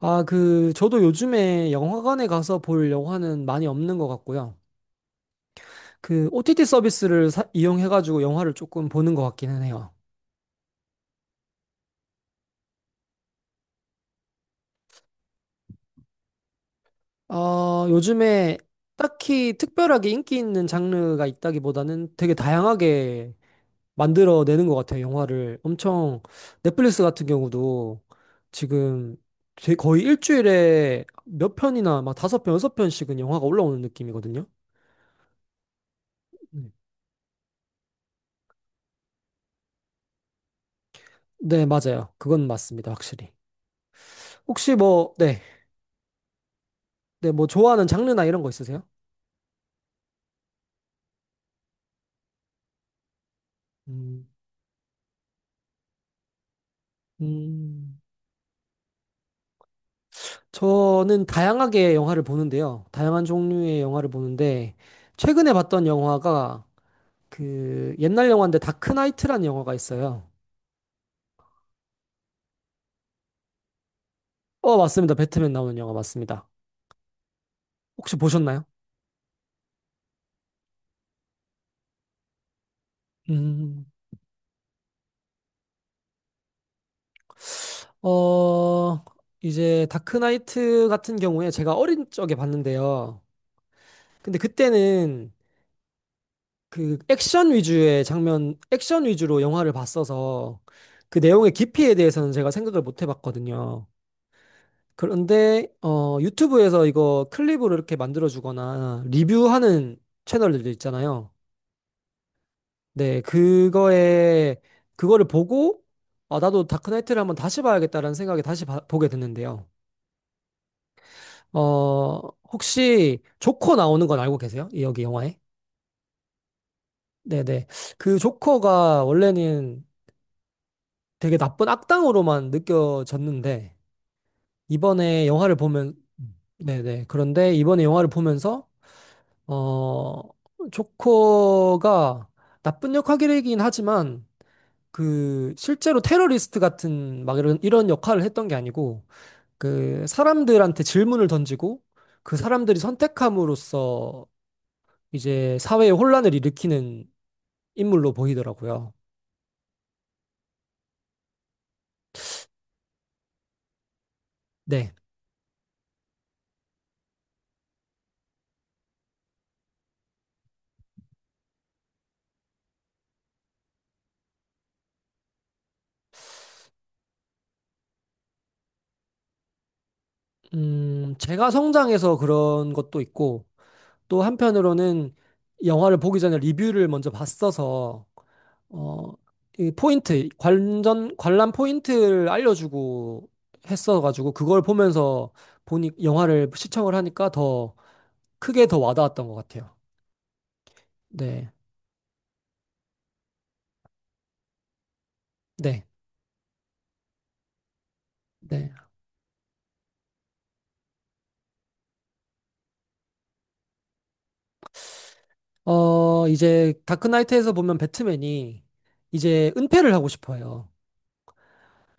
아, 저도 요즘에 영화관에 가서 볼 영화는 많이 없는 것 같고요. OTT 서비스를 이용해가지고 영화를 조금 보는 것 같기는 해요. 요즘에 딱히 특별하게 인기 있는 장르가 있다기보다는 되게 다양하게 만들어내는 것 같아요, 영화를. 엄청, 넷플릭스 같은 경우도 지금 거의 일주일에 몇 편이나 막 5편, 6편씩은 영화가 올라오는 느낌이거든요. 네, 네, 맞아요. 그건 맞습니다, 확실히. 혹시 뭐, 네. 네, 뭐 좋아하는 장르나 이런 거 있으세요? 음, 음, 저는 다양하게 영화를 보는데요. 다양한 종류의 영화를 보는데 최근에 봤던 영화가 그 옛날 영화인데 다크나이트라는 영화가 있어요. 맞습니다. 배트맨 나오는 영화 맞습니다. 혹시 보셨나요? 음, 어, 이제 다크나이트 같은 경우에 제가 어린 적에 봤는데요. 근데 그때는 그 액션 위주의 장면, 액션 위주로 영화를 봤어서 그 내용의 깊이에 대해서는 제가 생각을 못 해봤거든요. 그런데 유튜브에서 이거 클립으로 이렇게 만들어주거나 리뷰하는 채널들 있잖아요. 네, 그거에 그거를 보고 아, 나도 다크나이트를 한번 다시 봐야겠다라는 생각에 다시 보게 됐는데요. 어, 혹시 조커 나오는 건 알고 계세요? 이 여기 영화에? 네네. 그 조커가 원래는 되게 나쁜 악당으로만 느껴졌는데 이번에 영화를 보면 네네. 그런데 이번에 영화를 보면서 어 조커가 나쁜 역할이긴 하지만 그 실제로 테러리스트 같은 막 이런 역할을 했던 게 아니고 그 사람들한테 질문을 던지고 그 사람들이 선택함으로써 이제 사회에 혼란을 일으키는 인물로 보이더라고요. 네. 제가 성장해서 그런 것도 있고 또 한편으로는 영화를 보기 전에 리뷰를 먼저 봤어서 어, 이 포인트, 관전, 관람 포인트를 알려주고 했어가지고 그걸 보면서 보니 영화를 시청을 하니까 더 크게 더 와닿았던 것 같아요. 네, 네, 네. 이제 다크나이트에서 보면 배트맨이 이제 은폐를 하고 싶어요.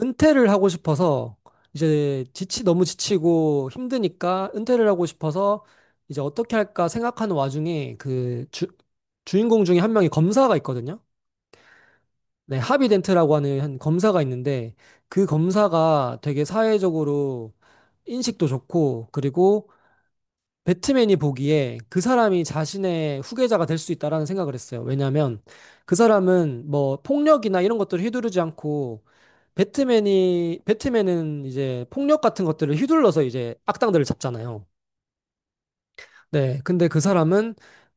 은퇴를 하고 싶어서 이제 지치 너무 지치고 힘드니까 은퇴를 하고 싶어서 이제 어떻게 할까 생각하는 와중에 그 주인공 중에 1명이 검사가 있거든요. 네, 하비덴트라고 하는 한 검사가 있는데 그 검사가 되게 사회적으로 인식도 좋고 그리고 배트맨이 보기에 그 사람이 자신의 후계자가 될 수 있다라는 생각을 했어요. 왜냐하면 그 사람은 뭐 폭력이나 이런 것들을 휘두르지 않고 배트맨이 배트맨은 이제 폭력 같은 것들을 휘둘러서 이제 악당들을 잡잖아요. 네, 근데 그 사람은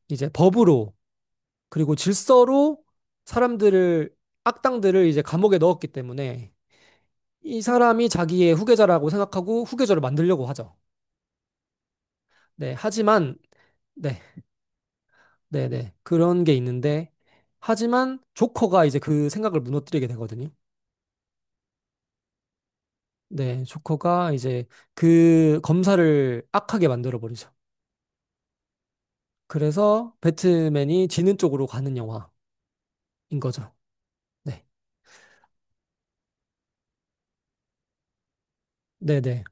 이제 법으로 그리고 질서로 사람들을 악당들을 이제 감옥에 넣었기 때문에 이 사람이 자기의 후계자라고 생각하고 후계자를 만들려고 하죠. 네, 하지만 네. 네네. 그런 게 있는데, 하지만 조커가 이제 그 생각을 무너뜨리게 되거든요. 네, 조커가 이제 그 검사를 악하게 만들어버리죠. 그래서 배트맨이 지는 쪽으로 가는 영화인 거죠. 네, 네네.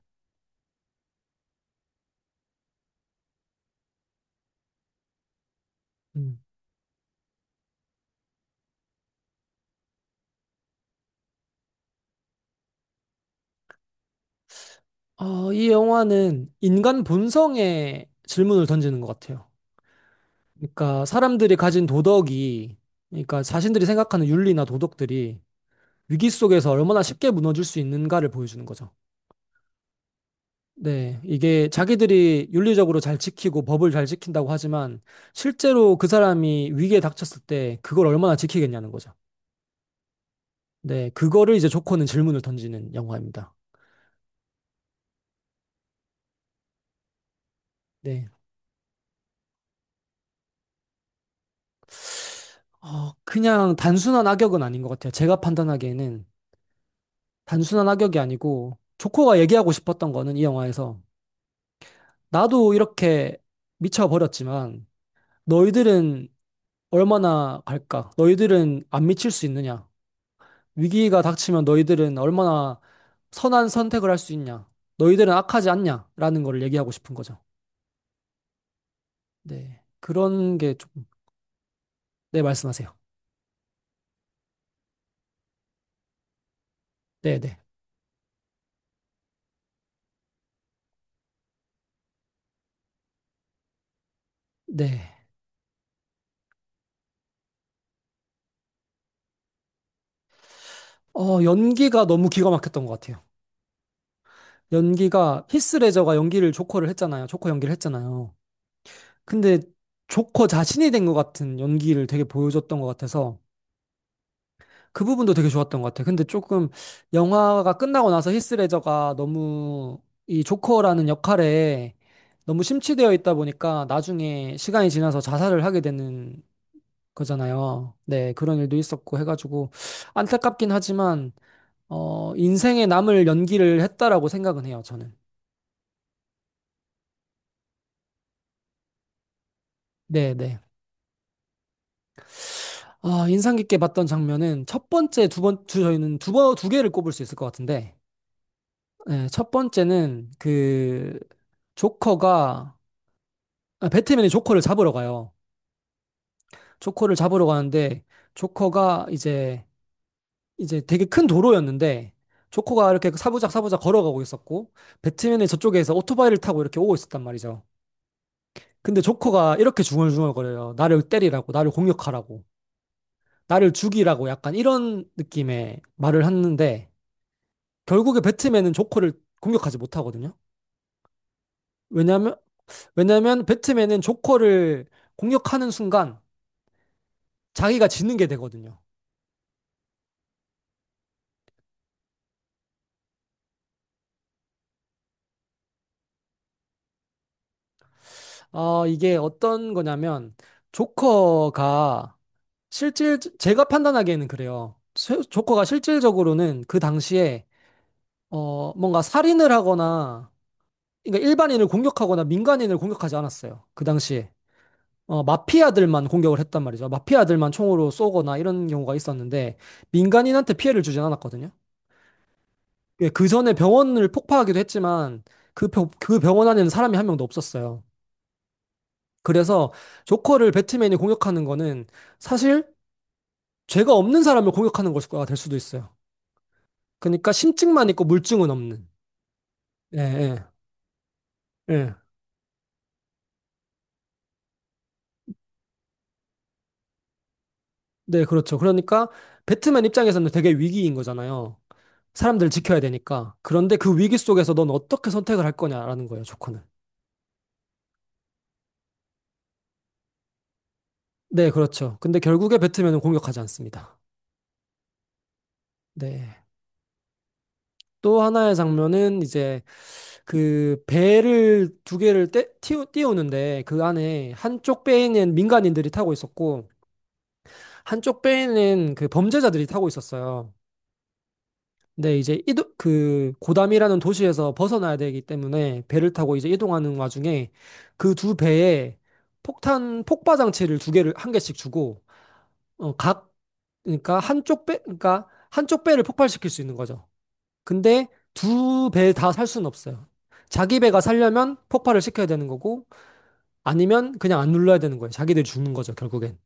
음. 이 영화는 인간 본성에 질문을 던지는 것 같아요. 그러니까 사람들이 가진 도덕이, 그러니까 자신들이 생각하는 윤리나 도덕들이 위기 속에서 얼마나 쉽게 무너질 수 있는가를 보여주는 거죠. 네, 이게 자기들이 윤리적으로 잘 지키고 법을 잘 지킨다고 하지만 실제로 그 사람이 위기에 닥쳤을 때 그걸 얼마나 지키겠냐는 거죠. 네, 그거를 이제 조커는 질문을 던지는 영화입니다. 네, 그냥 단순한 악역은 아닌 것 같아요. 제가 판단하기에는 단순한 악역이 아니고 조커가 얘기하고 싶었던 거는 이 영화에서 나도 이렇게 미쳐버렸지만 너희들은 얼마나 갈까? 너희들은 안 미칠 수 있느냐? 위기가 닥치면 너희들은 얼마나 선한 선택을 할 수 있냐? 너희들은 악하지 않냐? 라는 걸 얘기하고 싶은 거죠. 네. 그런 게 조금, 네, 말씀하세요. 네네. 네. 네. 연기가 너무 기가 막혔던 것 같아요. 연기가, 히스레저가 연기를 조커를 했잖아요. 조커 연기를 했잖아요. 근데 조커 자신이 된 것 같은 연기를 되게 보여줬던 것 같아서 그 부분도 되게 좋았던 것 같아. 근데 조금 영화가 끝나고 나서 히스 레저가 너무 이 조커라는 역할에 너무 심취되어 있다 보니까 나중에 시간이 지나서 자살을 하게 되는 거잖아요. 네, 그런 일도 있었고 해가지고 안타깝긴 하지만 인생에 남을 연기를 했다라고 생각은 해요, 저는. 네, 네. 아, 인상 깊게 봤던 장면은 첫 번째, 저희는 2개를 꼽을 수 있을 것 같은데, 네, 첫 번째는 그 조커가 아, 배트맨이 조커를 잡으러 가요. 조커를 잡으러 가는데 조커가 이제 되게 큰 도로였는데 조커가 이렇게 사부작 사부작 걸어가고 있었고 배트맨이 저쪽에서 오토바이를 타고 이렇게 오고 있었단 말이죠. 근데 조커가 이렇게 중얼중얼거려요. 나를 때리라고, 나를 공격하라고, 나를 죽이라고 약간 이런 느낌의 말을 하는데 결국에 배트맨은 조커를 공격하지 못하거든요. 왜냐면 왜냐면 배트맨은 조커를 공격하는 순간 자기가 지는 게 되거든요. 이게 어떤 거냐면, 조커가 제가 판단하기에는 그래요. 조커가 실질적으로는 그 당시에, 뭔가 살인을 하거나, 그러니까 일반인을 공격하거나 민간인을 공격하지 않았어요. 그 당시에. 마피아들만 공격을 했단 말이죠. 마피아들만 총으로 쏘거나 이런 경우가 있었는데, 민간인한테 피해를 주진 않았거든요. 예, 그 전에 병원을 폭파하기도 했지만, 그 병원 안에는 사람이 1명도 없었어요. 그래서 조커를 배트맨이 공격하는 거는 사실 죄가 없는 사람을 공격하는 것과 될 수도 있어요. 그러니까 심증만 있고 물증은 없는. 예, 예, 예. 네, 그렇죠. 그러니까 배트맨 입장에서는 되게 위기인 거잖아요. 사람들을 지켜야 되니까. 그런데 그 위기 속에서 넌 어떻게 선택을 할 거냐라는 거예요, 조커는. 네, 그렇죠. 근데 결국에 배트맨은 공격하지 않습니다. 네. 또 하나의 장면은 이제 그 배를 2개를 띄우는데 그 안에 한쪽 배에는 민간인들이 타고 있었고 한쪽 배에는 그 범죄자들이 타고 있었어요. 근데 이제 그 고담이라는 도시에서 벗어나야 되기 때문에 배를 타고 이제 이동하는 와중에 그 두 배에 폭탄 폭발 장치를 2개를 1개씩 주고 어, 각 그러니까 한쪽 배 그러니까 한쪽 배를 폭발시킬 수 있는 거죠. 근데 두 배 다 살 수는 없어요. 자기 배가 살려면 폭발을 시켜야 되는 거고 아니면 그냥 안 눌러야 되는 거예요. 자기들이 죽는 거죠, 결국엔.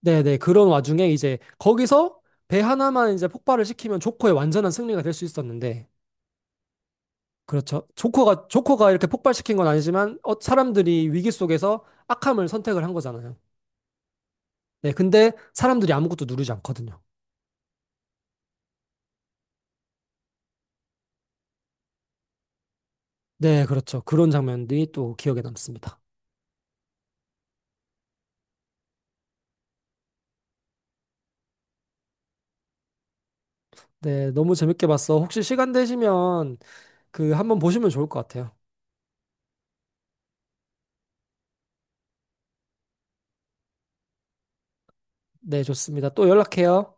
네네. 그런 와중에 이제 거기서 배 하나만 이제 폭발을 시키면 조커의 완전한 승리가 될 수 있었는데, 그렇죠. 조커가 이렇게 폭발시킨 건 아니지만, 어, 사람들이 위기 속에서 악함을 선택을 한 거잖아요. 네. 근데 사람들이 아무것도 누르지 않거든요. 네, 그렇죠. 그런 장면들이 또 기억에 남습니다. 네, 너무 재밌게 봤어. 혹시 시간 되시면 그 한번 보시면 좋을 것 같아요. 네, 좋습니다. 또 연락해요.